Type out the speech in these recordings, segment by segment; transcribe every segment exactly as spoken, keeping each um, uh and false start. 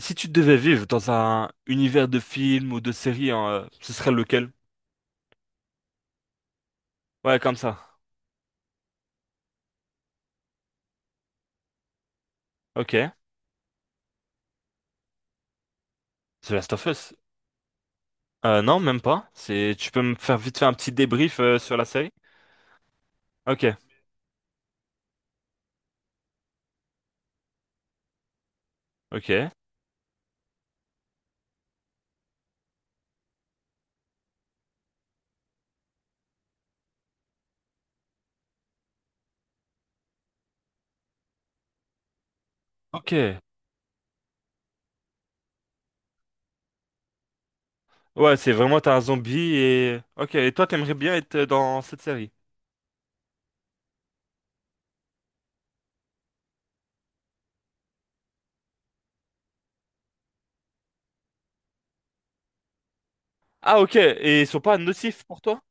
Si tu devais vivre dans un univers de film ou de série, hein, euh, ce serait lequel? Ouais, comme ça. Ok. The Last of Us. Euh, non, même pas. C'est, tu peux me faire vite faire un petit débrief euh, sur la série? Ok. Ok. Ok. Ouais, c'est vraiment t'as un zombie et. Ok. Et toi, t'aimerais bien être euh, dans cette série? Ah, ok. Et ils sont pas nocifs pour toi?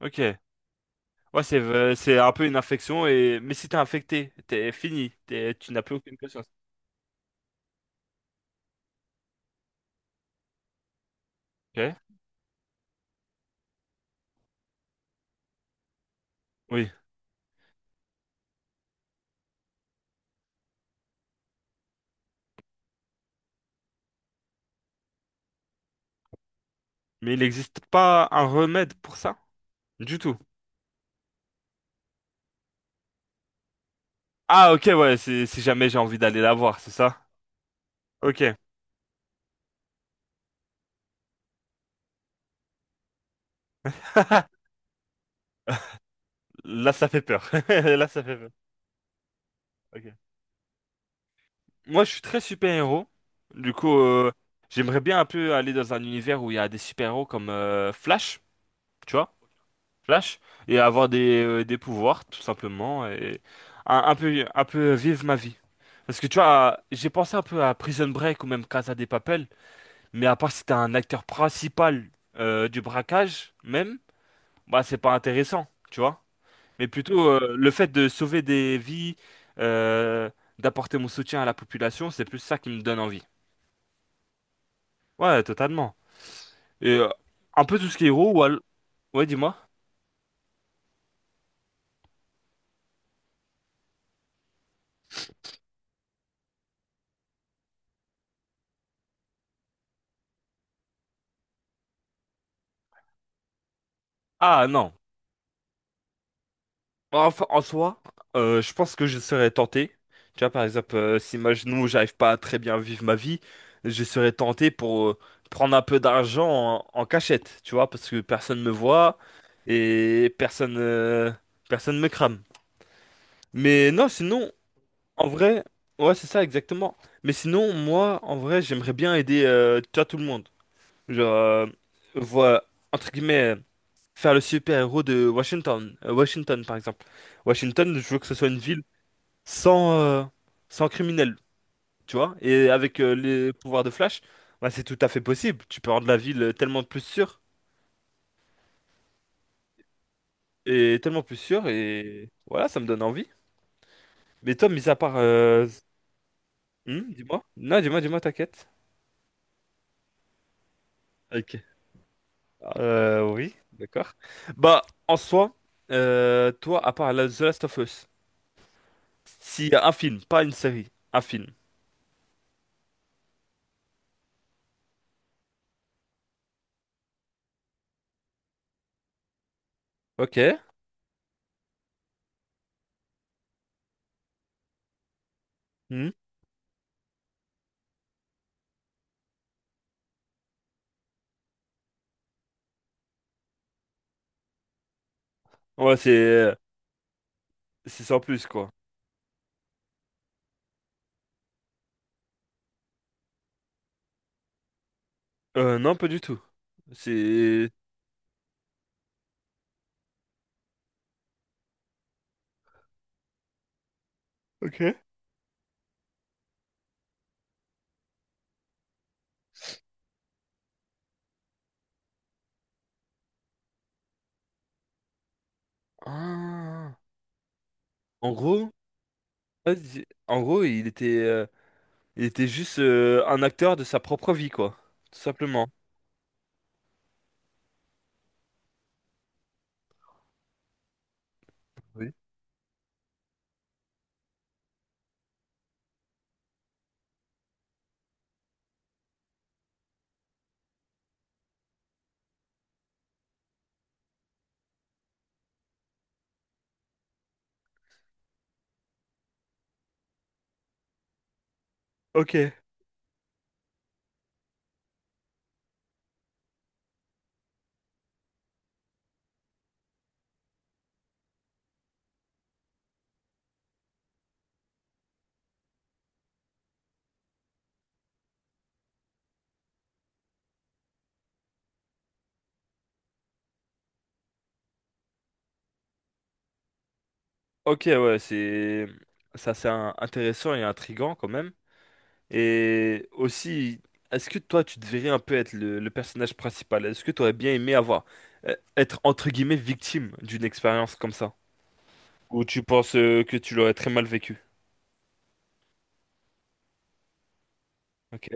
Ok. Ouais, c'est euh, c'est un peu une infection et mais si t'es infecté, t'es fini. T'es- tu n'as plus aucune conscience. Ok. Oui. Mais il n'existe pas un remède pour ça? Du tout. Ah ok ouais, c'est- si jamais j'ai envie d'aller la voir, c'est ça? Ok. Là ça fait peur. Là ça fait peur. Ok. Moi je suis très super-héros. Du coup, euh, j'aimerais bien un peu aller dans un univers où il y a des super-héros comme euh, Flash, tu vois? Flash. Et avoir des, euh, des pouvoirs, tout simplement. Et un, un peu, un peu vivre ma vie. Parce que tu vois, j'ai pensé un peu à Prison Break ou même Casa de Papel. Mais à part si t'es un acteur principal euh, du braquage même, bah c'est pas intéressant, tu vois? Mais plutôt euh, le fait de sauver des vies, euh, d'apporter mon soutien à la population, c'est plus ça qui me donne envie. Ouais, totalement. Et euh, un peu tout ce qui est héros, ou al- ouais, dis-moi. Ah non. Enfin, en soi, euh, je pense que je serais tenté. Tu vois, par exemple, euh, si imaginons j'arrive pas à très bien vivre ma vie, je serais tenté pour euh, prendre un peu d'argent en, en cachette, tu vois, parce que personne me voit et personne, euh, personne me crame. Mais non, sinon. En vrai, ouais, c'est ça, exactement. Mais sinon, moi, en vrai, j'aimerais bien aider, euh, tu vois, tout le monde. Genre, euh, voir, entre guillemets, euh, faire le super-héros de Washington. Euh, Washington, par exemple. Washington, je veux que ce soit une ville sans, euh, sans criminels, tu vois. Et avec euh, les pouvoirs de Flash, bah, c'est tout à fait possible. Tu peux rendre la ville euh, tellement plus sûre, et tellement plus sûre, et voilà, ça me donne envie. Mais toi, mis à part... euh, hmm, dis-moi. Non, dis-moi, dis-moi, t'inquiète. Ok. Euh, oui, d'accord. Bah, en soi, euh, toi, à part la- The Last of Us, s'il y a un film, pas une série, un film. Ok. Hmm. Ouais, c'est c'est sans plus, quoi. Euh, non, pas du tout. C'est... Ok. Ah. En gros, vas-y. En gros, il était, euh, il était juste euh, un acteur de sa propre vie, quoi. Tout simplement. Oui. Ok. Ok, ouais, c'est... Ça, c'est un- intéressant et intriguant, quand même. Et aussi, est-ce que toi, tu devrais un peu être le, le personnage principal? Est-ce que tu aurais bien aimé avoir, euh, être entre guillemets victime d'une expérience comme ça? Ou tu penses euh, que tu l'aurais très mal vécu? Ok.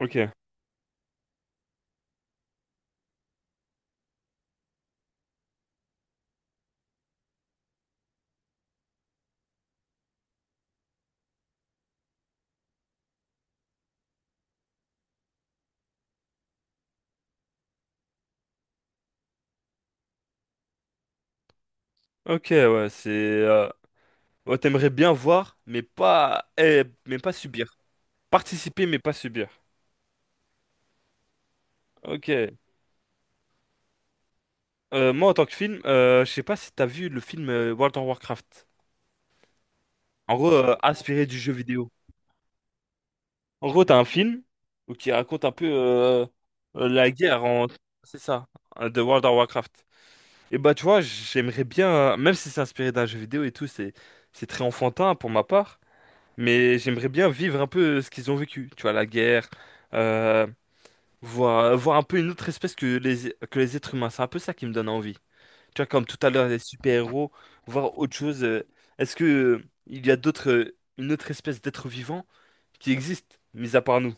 Ok. Ok, ouais, c'est... euh, ouais, t'aimerais bien voir, mais pas, eh, mais pas subir. Participer, mais pas subir. Ok. Euh, moi, en tant que film, euh, je sais pas si t'as vu le film euh, World of Warcraft. En gros, euh, inspiré du jeu vidéo. En gros, t'as un film où qui raconte un peu euh, euh, la guerre en... C'est ça, euh, de World of Warcraft. Et bah tu vois, j'aimerais bien, euh, même si c'est inspiré d'un jeu vidéo et tout, c'est c'est très enfantin pour ma part, mais j'aimerais bien vivre un peu ce qu'ils ont vécu. Tu vois, la guerre, euh, voir, voir un peu une autre espèce que les, que les êtres humains. C'est un peu ça qui me donne envie. Tu vois, comme tout à l'heure, les super-héros, voir autre chose. euh, Est-ce que euh, il y a d'autres, euh, une autre espèce d'être vivant qui existe, mis à part nous?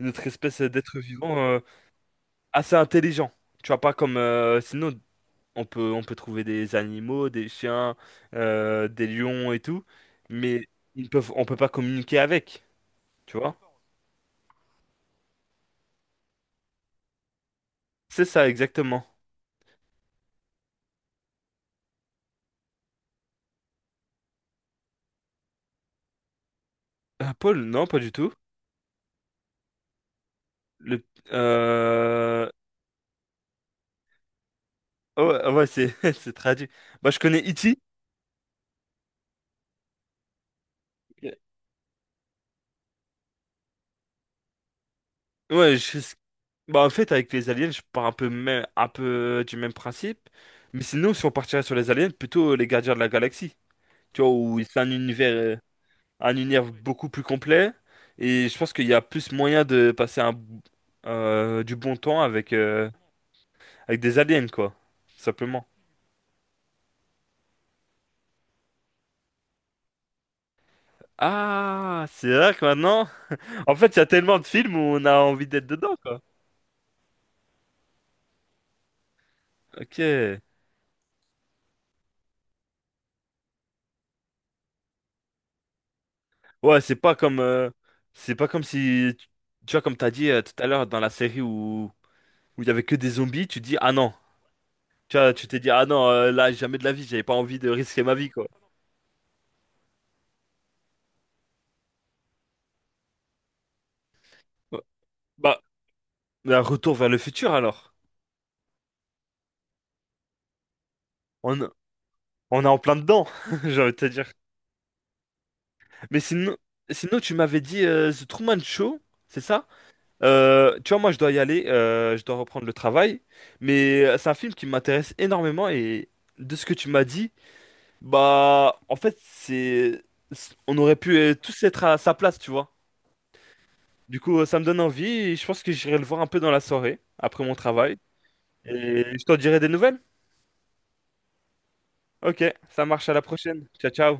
Une autre espèce d'être vivant euh, assez intelligent. Tu vois, pas comme... euh, sinon, on peut, on peut trouver des animaux, des chiens, euh, des lions et tout, mais ils peuvent, on peut pas communiquer avec, tu vois? C'est ça, exactement. Euh, Paul, non, pas du tout. Le... Euh... Oh, ah ouais, c'est c'est traduit. Bah, je connais E T. Ouais, je... Bah, en fait, avec les aliens, je pars un peu, même, un peu du même principe. Mais sinon, si on partirait sur les aliens, plutôt les gardiens de la galaxie. Tu vois, où c'est un univers euh, un univers beaucoup plus complet. Et je pense qu'il y a plus moyen de passer un, euh, du bon temps avec, euh, avec des aliens, quoi. Tout simplement. Ah, c'est vrai que maintenant, en fait, il y a tellement de films où on a envie d'être dedans, quoi. Ok. Ouais, c'est pas comme, euh, c'est pas comme si, tu vois, comme t'as dit euh, tout à l'heure dans la série où où il y avait que des zombies, tu dis ah non, tu vois, tu t'es dit ah non, euh, là jamais de la vie, j'avais pas envie de risquer ma vie, quoi. Ouais. Bah, bah, retour vers le futur alors. On, On est en plein dedans, j'ai envie de te dire. Mais sinon, sinon tu m'avais dit euh, The Truman Show, c'est ça? Euh, tu vois, moi, je dois y aller, euh, je dois reprendre le travail. Mais euh, c'est un film qui m'intéresse énormément et de ce que tu m'as dit, bah, en fait, c'est, c'est- on aurait pu euh, tous être à sa place, tu vois. Du coup, euh, ça me donne envie et je pense que j'irai le voir un peu dans la soirée, après mon travail. Et je t'en dirai des nouvelles. Ok, ça marche, à la prochaine. Ciao, ciao.